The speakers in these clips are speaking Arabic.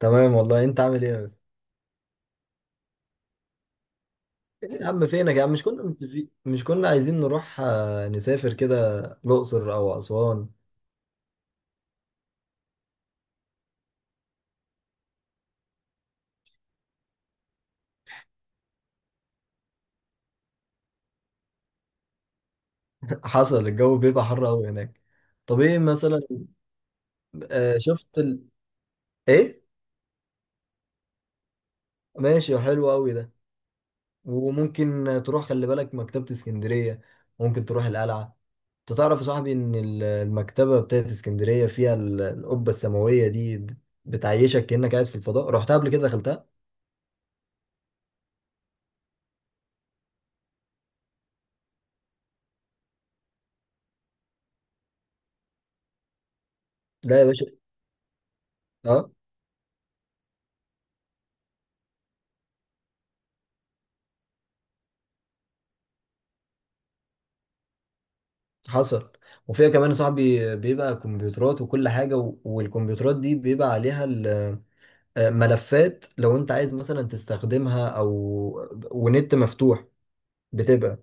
تمام والله. انت عامل ايه يا بس؟ ايه يا عم؟ فينك يا عم؟ مش كنا متفقين، مش كنا عايزين نروح، نسافر كده الاقصر او اسوان. حصل. الجو بيبقى حر قوي هناك. طب ايه مثلا؟ شفت ايه. ماشي، حلو قوي ده. وممكن تروح، خلي بالك، مكتبة اسكندرية. ممكن تروح القلعة. انت تعرف يا صاحبي ان المكتبة بتاعت اسكندرية فيها القبة السماوية دي بتعيشك كأنك قاعد في الفضاء. رحتها قبل كده؟ دخلتها؟ لا يا باشا. اه، حصل. وفيها كمان يا صاحبي بيبقى كمبيوترات وكل حاجة، والكمبيوترات دي بيبقى عليها ملفات لو انت عايز مثلا تستخدمها او ونت مفتوح، بتبقى.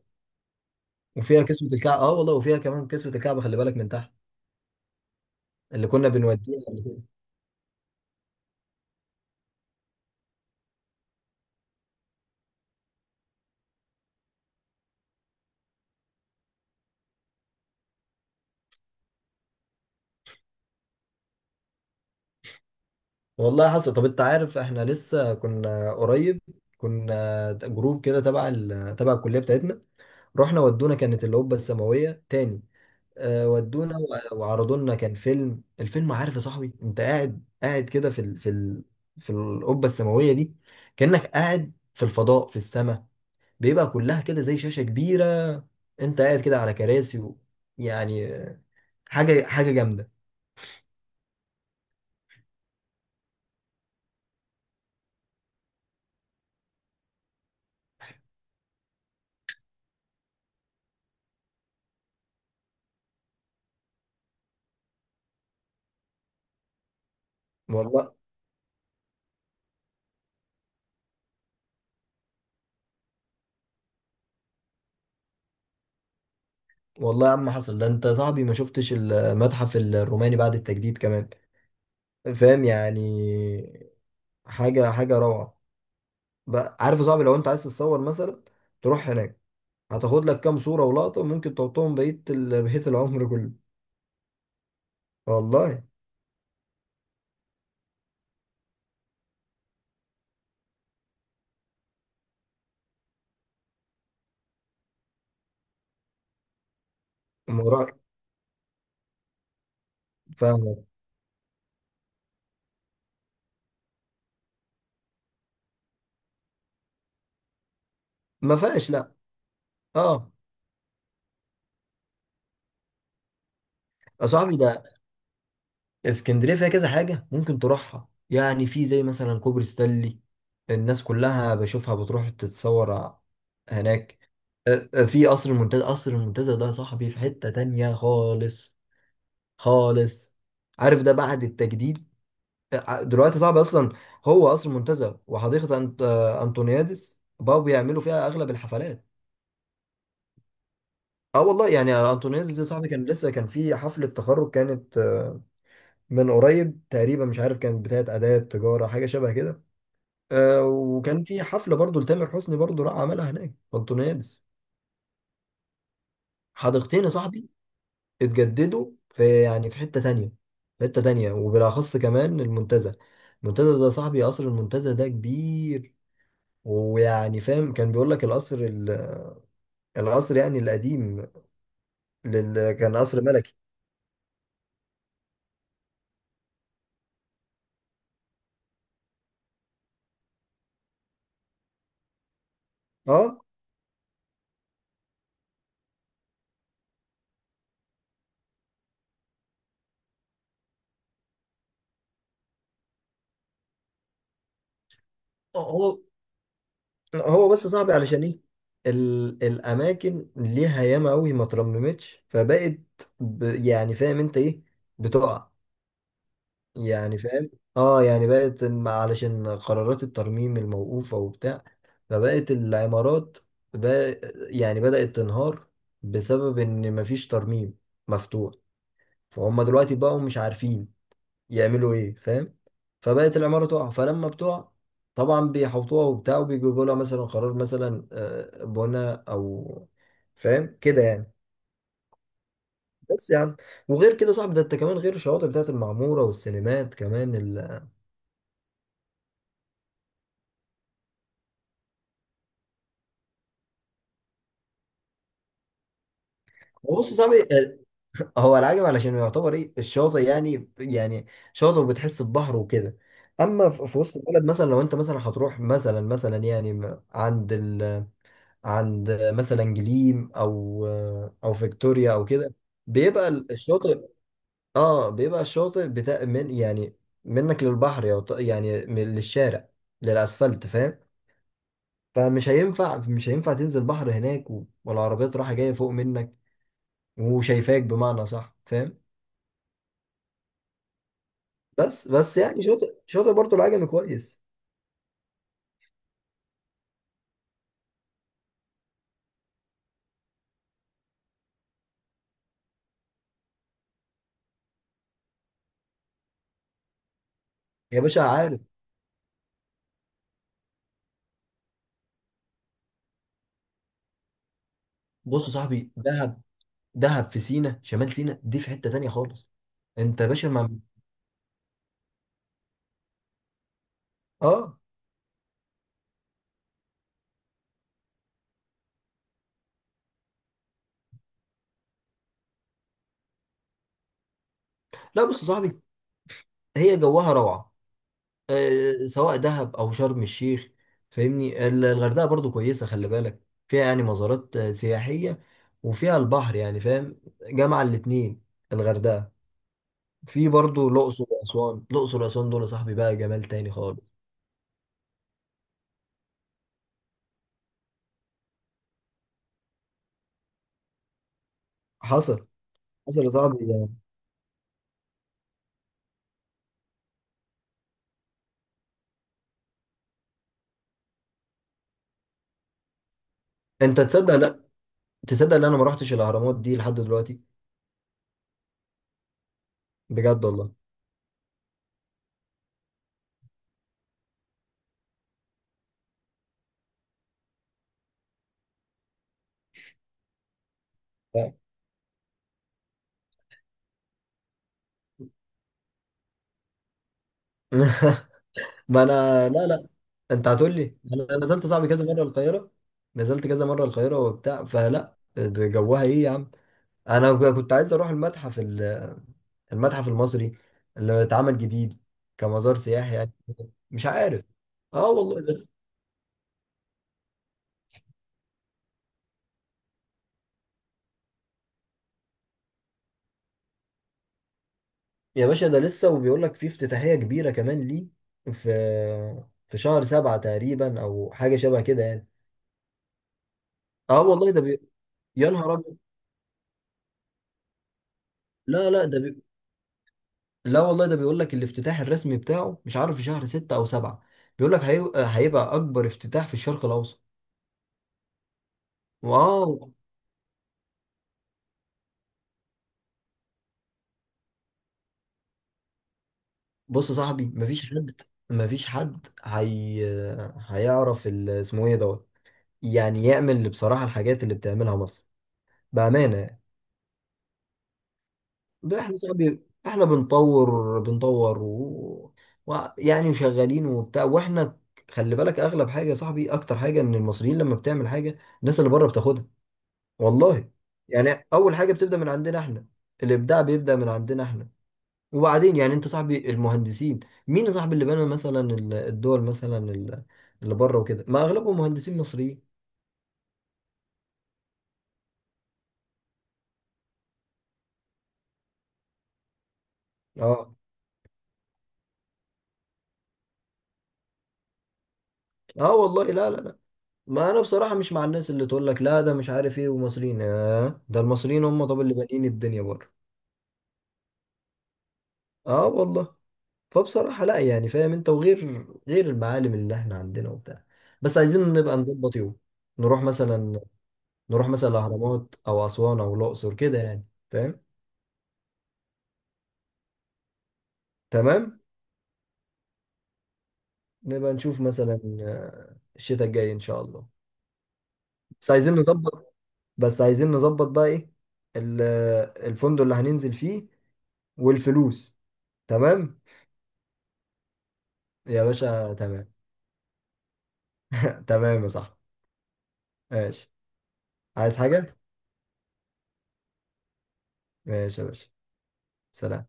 وفيها كسوة الكعب، اه والله، وفيها كمان كسوة الكعب، خلي بالك، من تحت اللي كنا بنوديها قبل كده. والله حصل. طب انت عارف احنا لسه كنا قريب، كنا جروب كده تبع تبع الكلية بتاعتنا، رحنا ودونا، كانت اللي هوبا السماوية تاني. ودونا وعرضوا لنا، كان فيلم، الفيلم، عارف يا صاحبي، انت قاعد قاعد كده في القبه السماويه دي، كانك قاعد في الفضاء، في السماء، بيبقى كلها كده زي شاشه كبيره، انت قاعد كده على كراسي يعني، حاجه حاجه جامده، والله. والله يا عم حصل. ده انت يا صاحبي ما شفتش المتحف الروماني بعد التجديد كمان، فاهم يعني؟ حاجه حاجه روعه. بقى عارف يا صاحبي، لو انت عايز تتصور مثلا، تروح هناك، هتاخد لك كام صورة ولقطة ممكن تحطهم بقية بقية العمر كله، والله. الموضوع، فاهمك. ما فيهاش، لا. اه، يا صاحبي، ده اسكندرية فيها كذا حاجة ممكن تروحها. يعني في زي مثلا كوبري ستانلي، الناس كلها بشوفها بتروح تتصور هناك. في قصر المنتزه. قصر المنتزه ده يا صاحبي في حتة تانية خالص، خالص. عارف ده بعد التجديد، دلوقتي صعب اصلا. هو قصر منتزه وحديقه انطونيادس، بقوا بيعملوا فيها اغلب الحفلات. اه والله. يعني انطونيادس دي، صاحبي كان لسه كان في حفله تخرج، كانت من قريب تقريبا، مش عارف كانت بتاعه اداب تجاره، حاجه شبه كده، وكان في حفله برضو لتامر حسني، برضو راح عملها هناك في انطونيادس. حديقتين يا صاحبي اتجددوا، في يعني في حته تانية، في حته تانية. وبالاخص كمان المنتزه. المنتزه ده يا صاحبي، قصر المنتزه ده كبير، ويعني فاهم، كان بيقول لك القصر القصر يعني القديم، كان قصر ملكي. اه. هو هو بس صعب، علشان ايه؟ الاماكن ليها ياما قوي ما ترممتش، فبقت يعني فاهم انت ايه، بتقع، يعني فاهم. اه، يعني بقت علشان قرارات الترميم الموقوفة وبتاع، فبقت العمارات بقى يعني بدأت تنهار، بسبب ان مفيش ترميم مفتوح. فهم دلوقتي بقوا مش عارفين يعملوا ايه، فاهم؟ فبقت العمارة تقع، فلما بتقع، طبعا بيحوطوها وبتاع، وبيجيبوا لها مثلا قرار مثلا، بنى او، فاهم كده يعني، بس يعني. وغير كده صاحبي، ده انت كمان غير الشواطئ بتاعت المعمورة والسينمات كمان بص يا صاحبي، هو العجب علشان يعتبر ايه الشاطئ، يعني شاطئ، وبتحس ببحر وكده. اما في وسط البلد مثلا، لو انت مثلا هتروح مثلا، يعني عند عند مثلا جليم، او او فيكتوريا او كده، بيبقى الشاطئ. اه، بيبقى الشاطئ بتاع من يعني منك للبحر، يعني للشارع، للاسفلت، فاهم؟ فمش هينفع، مش هينفع تنزل بحر هناك، والعربيات رايحه جايه فوق منك وشايفاك، بمعنى صح، فاهم؟ بس يعني شاطئ، شاطئ برضه العجمي كويس. يا باشا عارف، بص يا صاحبي، دهب. دهب في سينا، شمال سينا دي في حته تانيه خالص. انت يا باشا ما، اه، لا، بص يا صاحبي، هي جواها روعة، سواء دهب أو شرم الشيخ، فاهمني؟ الغردقة برضو كويسة، خلي بالك فيها يعني مزارات سياحية، وفيها البحر، يعني فاهم، جامعة الاتنين الغردقة. في برضو الأقصر وأسوان. الأقصر وأسوان دول يا صاحبي بقى جمال تاني خالص. حصل. حصل يا صاحبي يعني. أنت تصدق؟ لا، تصدق إن أنا ما رحتش الأهرامات دي لحد دلوقتي، بجد والله؟ ما أنا، لا لا، انت هتقول لي يعني، انا نزلت صاحبي كذا مره القاهره، نزلت كذا مره القاهره وبتاع، فلا، ده جوها ايه يا عم. انا كنت عايز اروح المتحف المتحف المصري اللي اتعمل جديد كمزار سياحي يعني، مش عارف. اه والله. بس يا باشا، ده لسه، وبيقول لك في افتتاحيه كبيره كمان ليه، في في شهر سبعة تقريبا، او حاجه شبه كده يعني. اه والله، يا نهار ابيض. لا لا، لا والله، ده بيقول لك الافتتاح الرسمي بتاعه، مش عارف، في شهر ستة أو سبعة، بيقول لك هيبقى أكبر افتتاح في الشرق الأوسط. واو. بص يا صاحبي مفيش حد، مفيش حد هي... هيعرف اسمه إيه، دوت، يعني يعمل اللي، بصراحة الحاجات اللي بتعملها مصر، بأمانة يعني، ده إحنا يا صاحبي، إحنا بنطور، يعني وشغالين وبتاع، وإحنا خلي بالك، أغلب حاجة يا صاحبي، أكتر حاجة، إن المصريين لما بتعمل حاجة، الناس اللي بره بتاخدها، والله. يعني اول حاجه بتبدا من عندنا احنا، الابداع بيبدا من عندنا احنا، وبعدين يعني انت صاحبي، المهندسين، مين يا صاحبي اللي بنى مثلا الدول مثلا اللي بره وكده، ما اغلبهم مهندسين مصريين. اه. اه والله، لا لا لا، ما انا بصراحه مش مع الناس اللي تقول لك لا، ده مش عارف ايه، ومصريين، ده المصريين هم طب اللي بانيين الدنيا بره. اه والله. فبصراحه لا، يعني فاهم انت، وغير، غير المعالم اللي احنا عندنا وبتاع، بس عايزين نبقى نظبط يوم نروح مثلا، نروح مثلا الاهرامات او اسوان او الاقصر كده يعني، فاهم؟ تمام. نبقى نشوف مثلا، الشتاء الجاي ان شاء الله. بس عايزين نظبط. بس عايزين نظبط بقى ايه، ال- الفندق اللي هننزل فيه، والفلوس. تمام يا باشا، تمام. تمام يا صاحبي. ماشي. عايز حاجة؟ ماشي يا باشا، سلام.